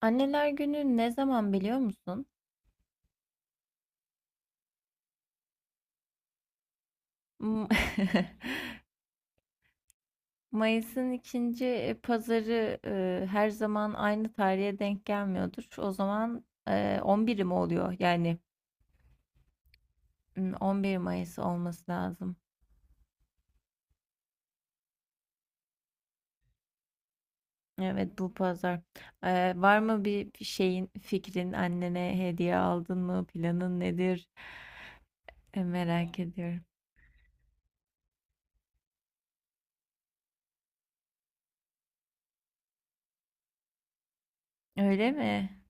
Anneler Günü ne zaman biliyor musun? M- Mayıs'ın ikinci pazarı her zaman aynı tarihe denk gelmiyordur. O zaman 11'i mi oluyor? Yani 11 Mayıs olması lazım. Evet bu pazar. Var mı bir şeyin fikrin annene hediye aldın mı? Planın nedir? Merak ediyorum. Öyle mi?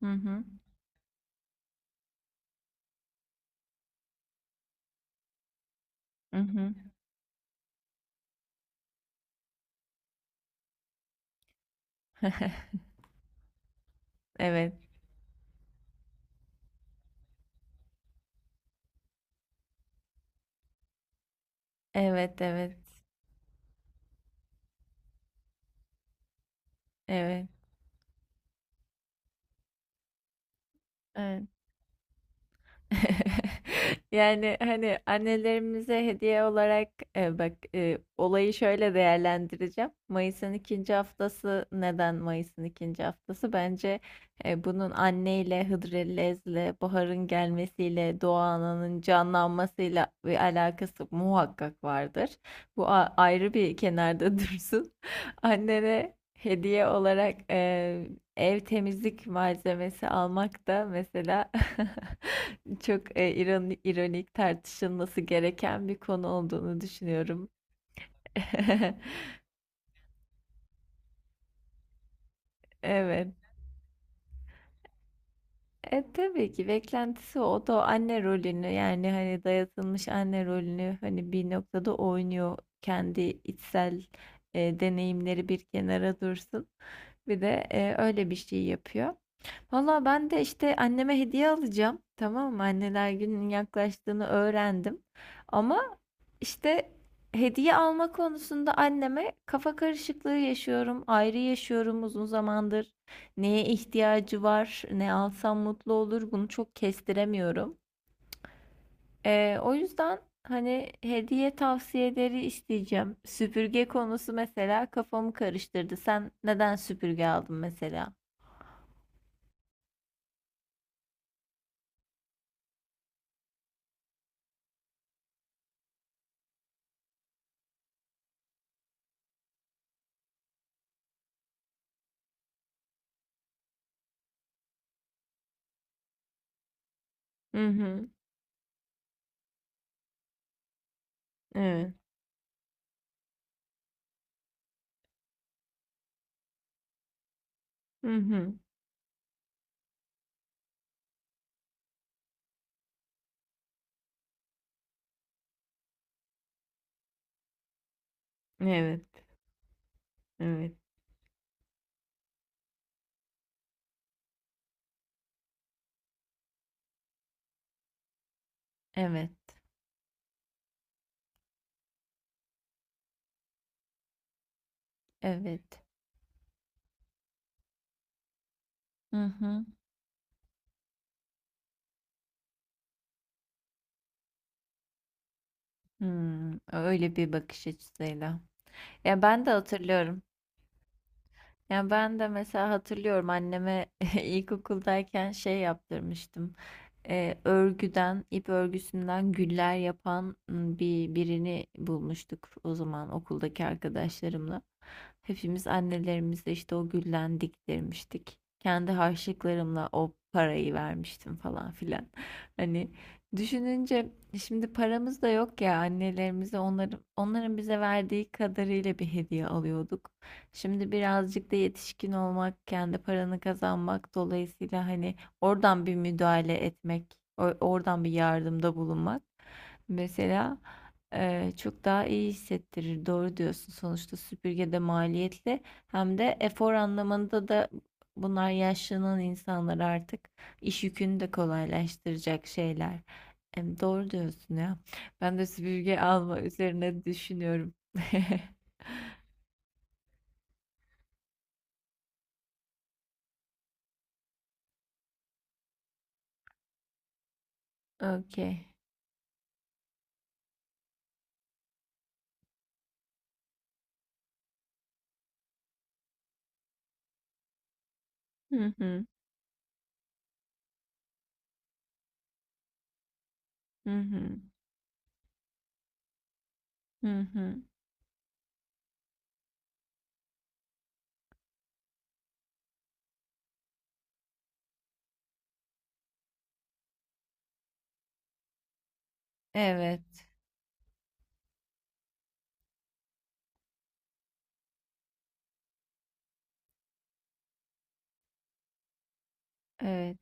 Hı hı. Hı hı. Evet. Evet, evet. Evet. Evet. Yani hani annelerimize hediye olarak bak, olayı şöyle değerlendireceğim. Mayıs'ın ikinci haftası neden Mayıs'ın ikinci haftası? Bence bunun anneyle, Hıdrellez'le, baharın gelmesiyle, doğanın canlanmasıyla bir alakası muhakkak vardır. Bu ayrı bir kenarda dursun. Annene hediye olarak ev temizlik malzemesi almak da mesela çok ironik, tartışılması gereken bir konu olduğunu düşünüyorum. Evet. Tabii ki beklentisi o. O da anne rolünü, yani hani dayatılmış anne rolünü hani bir noktada oynuyor, kendi içsel deneyimleri bir kenara dursun. Bir de öyle bir şey yapıyor. Valla ben de işte anneme hediye alacağım. Tamam mı? Anneler gününün yaklaştığını öğrendim. Ama işte hediye alma konusunda anneme kafa karışıklığı yaşıyorum. Ayrı yaşıyorum uzun zamandır. Neye ihtiyacı var? Ne alsam mutlu olur? Bunu çok kestiremiyorum. O yüzden hani hediye tavsiyeleri isteyeceğim. Süpürge konusu mesela kafamı karıştırdı. Sen neden süpürge aldın mesela? Hı hı. Evet. Hı hı. Evet. Evet. Evet, evet. Hı hı. Hımm, öyle bir bakış açısıyla. Ya, ben de hatırlıyorum. Yani ben de mesela hatırlıyorum, anneme ilkokuldayken şey yaptırmıştım. Örgüden, ip örgüsünden güller yapan bir birini bulmuştuk o zaman okuldaki arkadaşlarımla. Hepimiz annelerimizle işte o gülden diktirmiştik. Kendi harçlıklarımla o parayı vermiştim falan filan. Hani düşününce, şimdi paramız da yok ya, annelerimize onların bize verdiği kadarıyla bir hediye alıyorduk. Şimdi birazcık da yetişkin olmak, kendi paranı kazanmak dolayısıyla hani oradan bir müdahale etmek, oradan bir yardımda bulunmak mesela çok daha iyi hissettirir. Doğru diyorsun. Sonuçta süpürge de maliyetli, hem de efor anlamında da bunlar yaşlanan insanlar, artık iş yükünü de kolaylaştıracak şeyler. Doğru diyorsun ya. Ben de süpürge alma üzerine düşünüyorum. Okey. Hı hı. Hı hı. Hı hı. Evet. Evet.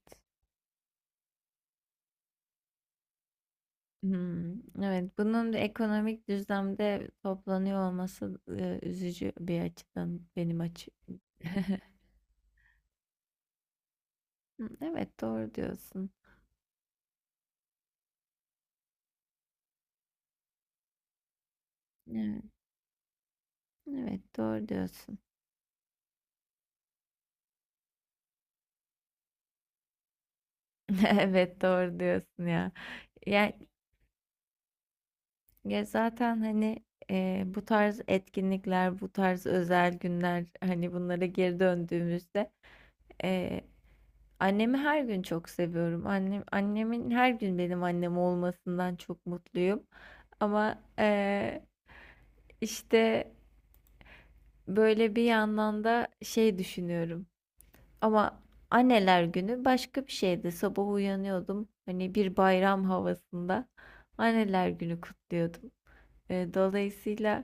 Hmm, evet. Bunun da ekonomik düzlemde toplanıyor olması üzücü bir açıdan benim açı. Hı, evet, doğru diyorsun. Evet, evet doğru diyorsun. Evet, doğru diyorsun ya. Ya, ya zaten hani bu tarz etkinlikler, bu tarz özel günler, hani bunlara geri döndüğümüzde. Annemi her gün çok seviyorum. Annem, annemin her gün benim annem olmasından çok mutluyum. Ama işte böyle bir yandan da şey düşünüyorum. Ama anneler günü başka bir şeydi. Sabah uyanıyordum. Hani bir bayram havasında anneler günü kutluyordum. Dolayısıyla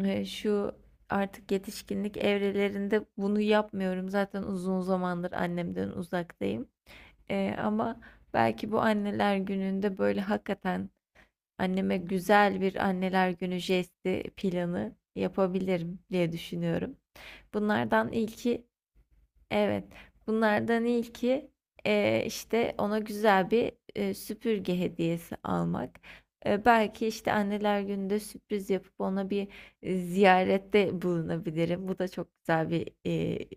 şu artık yetişkinlik evrelerinde bunu yapmıyorum. Zaten uzun zamandır annemden uzaktayım. Ama belki bu Anneler Günü'nde böyle hakikaten anneme güzel bir Anneler Günü jesti planı yapabilirim diye düşünüyorum. Bunlardan ilki, evet, bunlardan ilki işte ona güzel bir süpürge hediyesi almak. Belki işte Anneler Günü'nde sürpriz yapıp ona bir ziyarette bulunabilirim. Bu da çok güzel bir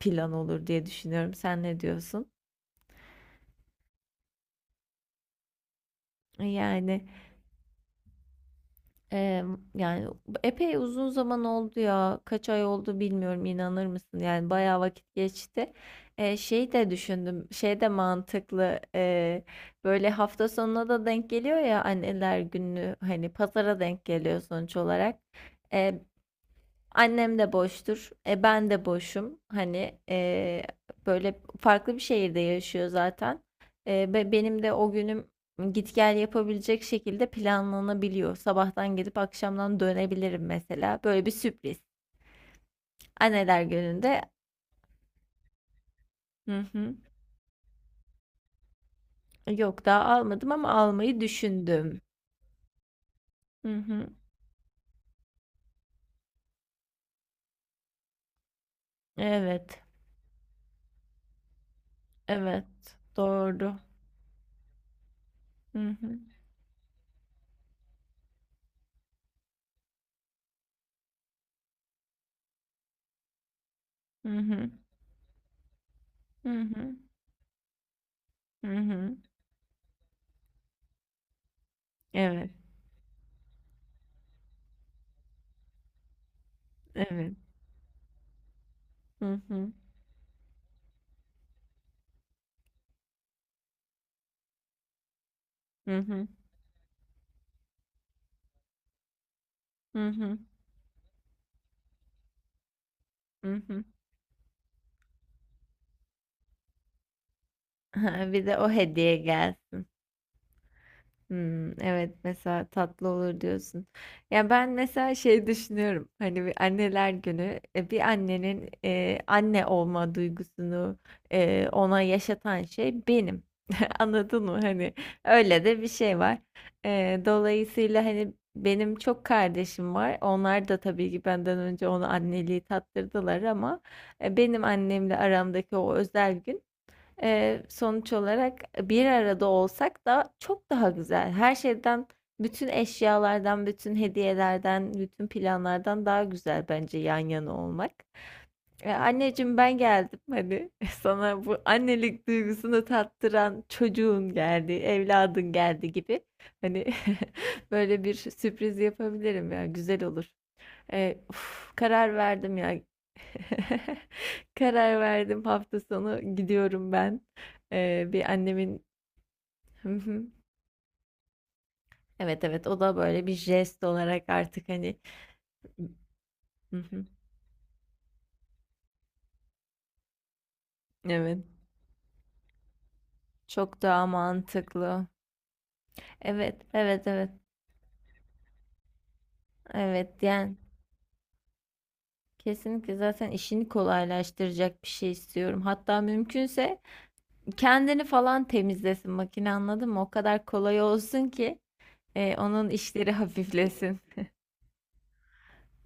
plan olur diye düşünüyorum. Sen ne diyorsun? Yani. Eee, Yani epey uzun zaman oldu ya. Kaç ay oldu bilmiyorum, inanır mısın? Yani bayağı vakit geçti. Şey de düşündüm. Şey de mantıklı. Böyle hafta sonuna da denk geliyor ya anneler günü. Hani pazara denk geliyor sonuç olarak. Ee, Annem de boştur. Ben de boşum. Hani böyle farklı bir şehirde yaşıyor zaten. Benim de o günüm git gel yapabilecek şekilde planlanabiliyor. Sabahtan gidip akşamdan dönebilirim mesela. Böyle bir sürpriz. Anneler gününde. Hı hı. Yok, daha almadım ama almayı düşündüm. Hı hı. Evet. Evet. Doğru. Hı hı. Hı hı. Hı hı. Hı hı. Evet. Evet. Hı hı. Hı hı. Hı hı. Hı hı. Ha, bir de o hediye gelsin. Hmm, evet, mesela tatlı olur diyorsun. Ya ben mesela şey düşünüyorum. Hani bir anneler günü, bir annenin anne olma duygusunu ona yaşatan şey benim. Anladın mı? Hani öyle de bir şey var. Dolayısıyla hani benim çok kardeşim var. Onlar da tabii ki benden önce ona anneliği tattırdılar, ama benim annemle aramdaki o özel gün, sonuç olarak bir arada olsak da çok daha güzel. Her şeyden, bütün eşyalardan, bütün hediyelerden, bütün planlardan daha güzel bence yan yana olmak. Anneciğim ben geldim hani, sana bu annelik duygusunu tattıran çocuğun geldi, evladın geldi gibi. Hani böyle bir sürpriz yapabilirim ya, güzel olur. Uf, karar verdim ya. Karar verdim, hafta sonu gidiyorum ben. Bir annemin. Hı hı. Evet, evet, o da böyle bir jest olarak artık hani. Hı hı. Evet. Çok daha mantıklı. Evet, evet, evet. Evet, yani kesinlikle zaten işini kolaylaştıracak bir şey istiyorum. Hatta mümkünse kendini falan temizlesin makine, anladın mı? O kadar kolay olsun ki onun işleri hafiflesin.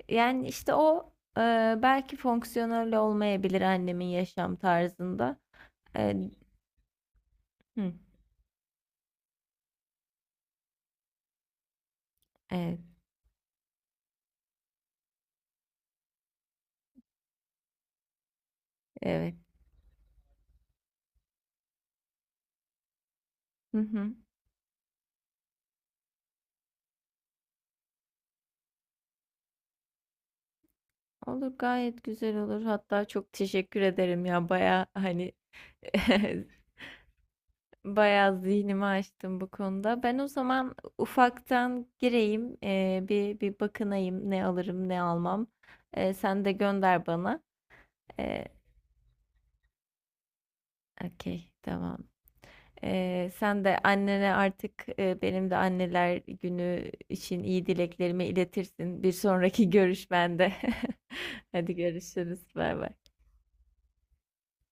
Yani işte o, belki fonksiyonel olmayabilir annemin yaşam tarzında. E, hı, evet, evet. Hı hı. Olur, gayet güzel olur. Hatta çok teşekkür ederim ya, baya hani baya zihnimi açtım bu konuda. Ben o zaman ufaktan gireyim, bir bakınayım ne alırım ne almam. Sen de gönder bana. E, Okey, tamam. Sen de annene artık, benim de anneler günü için iyi dileklerimi iletirsin bir sonraki görüşmende. Hadi görüşürüz. Bay bay.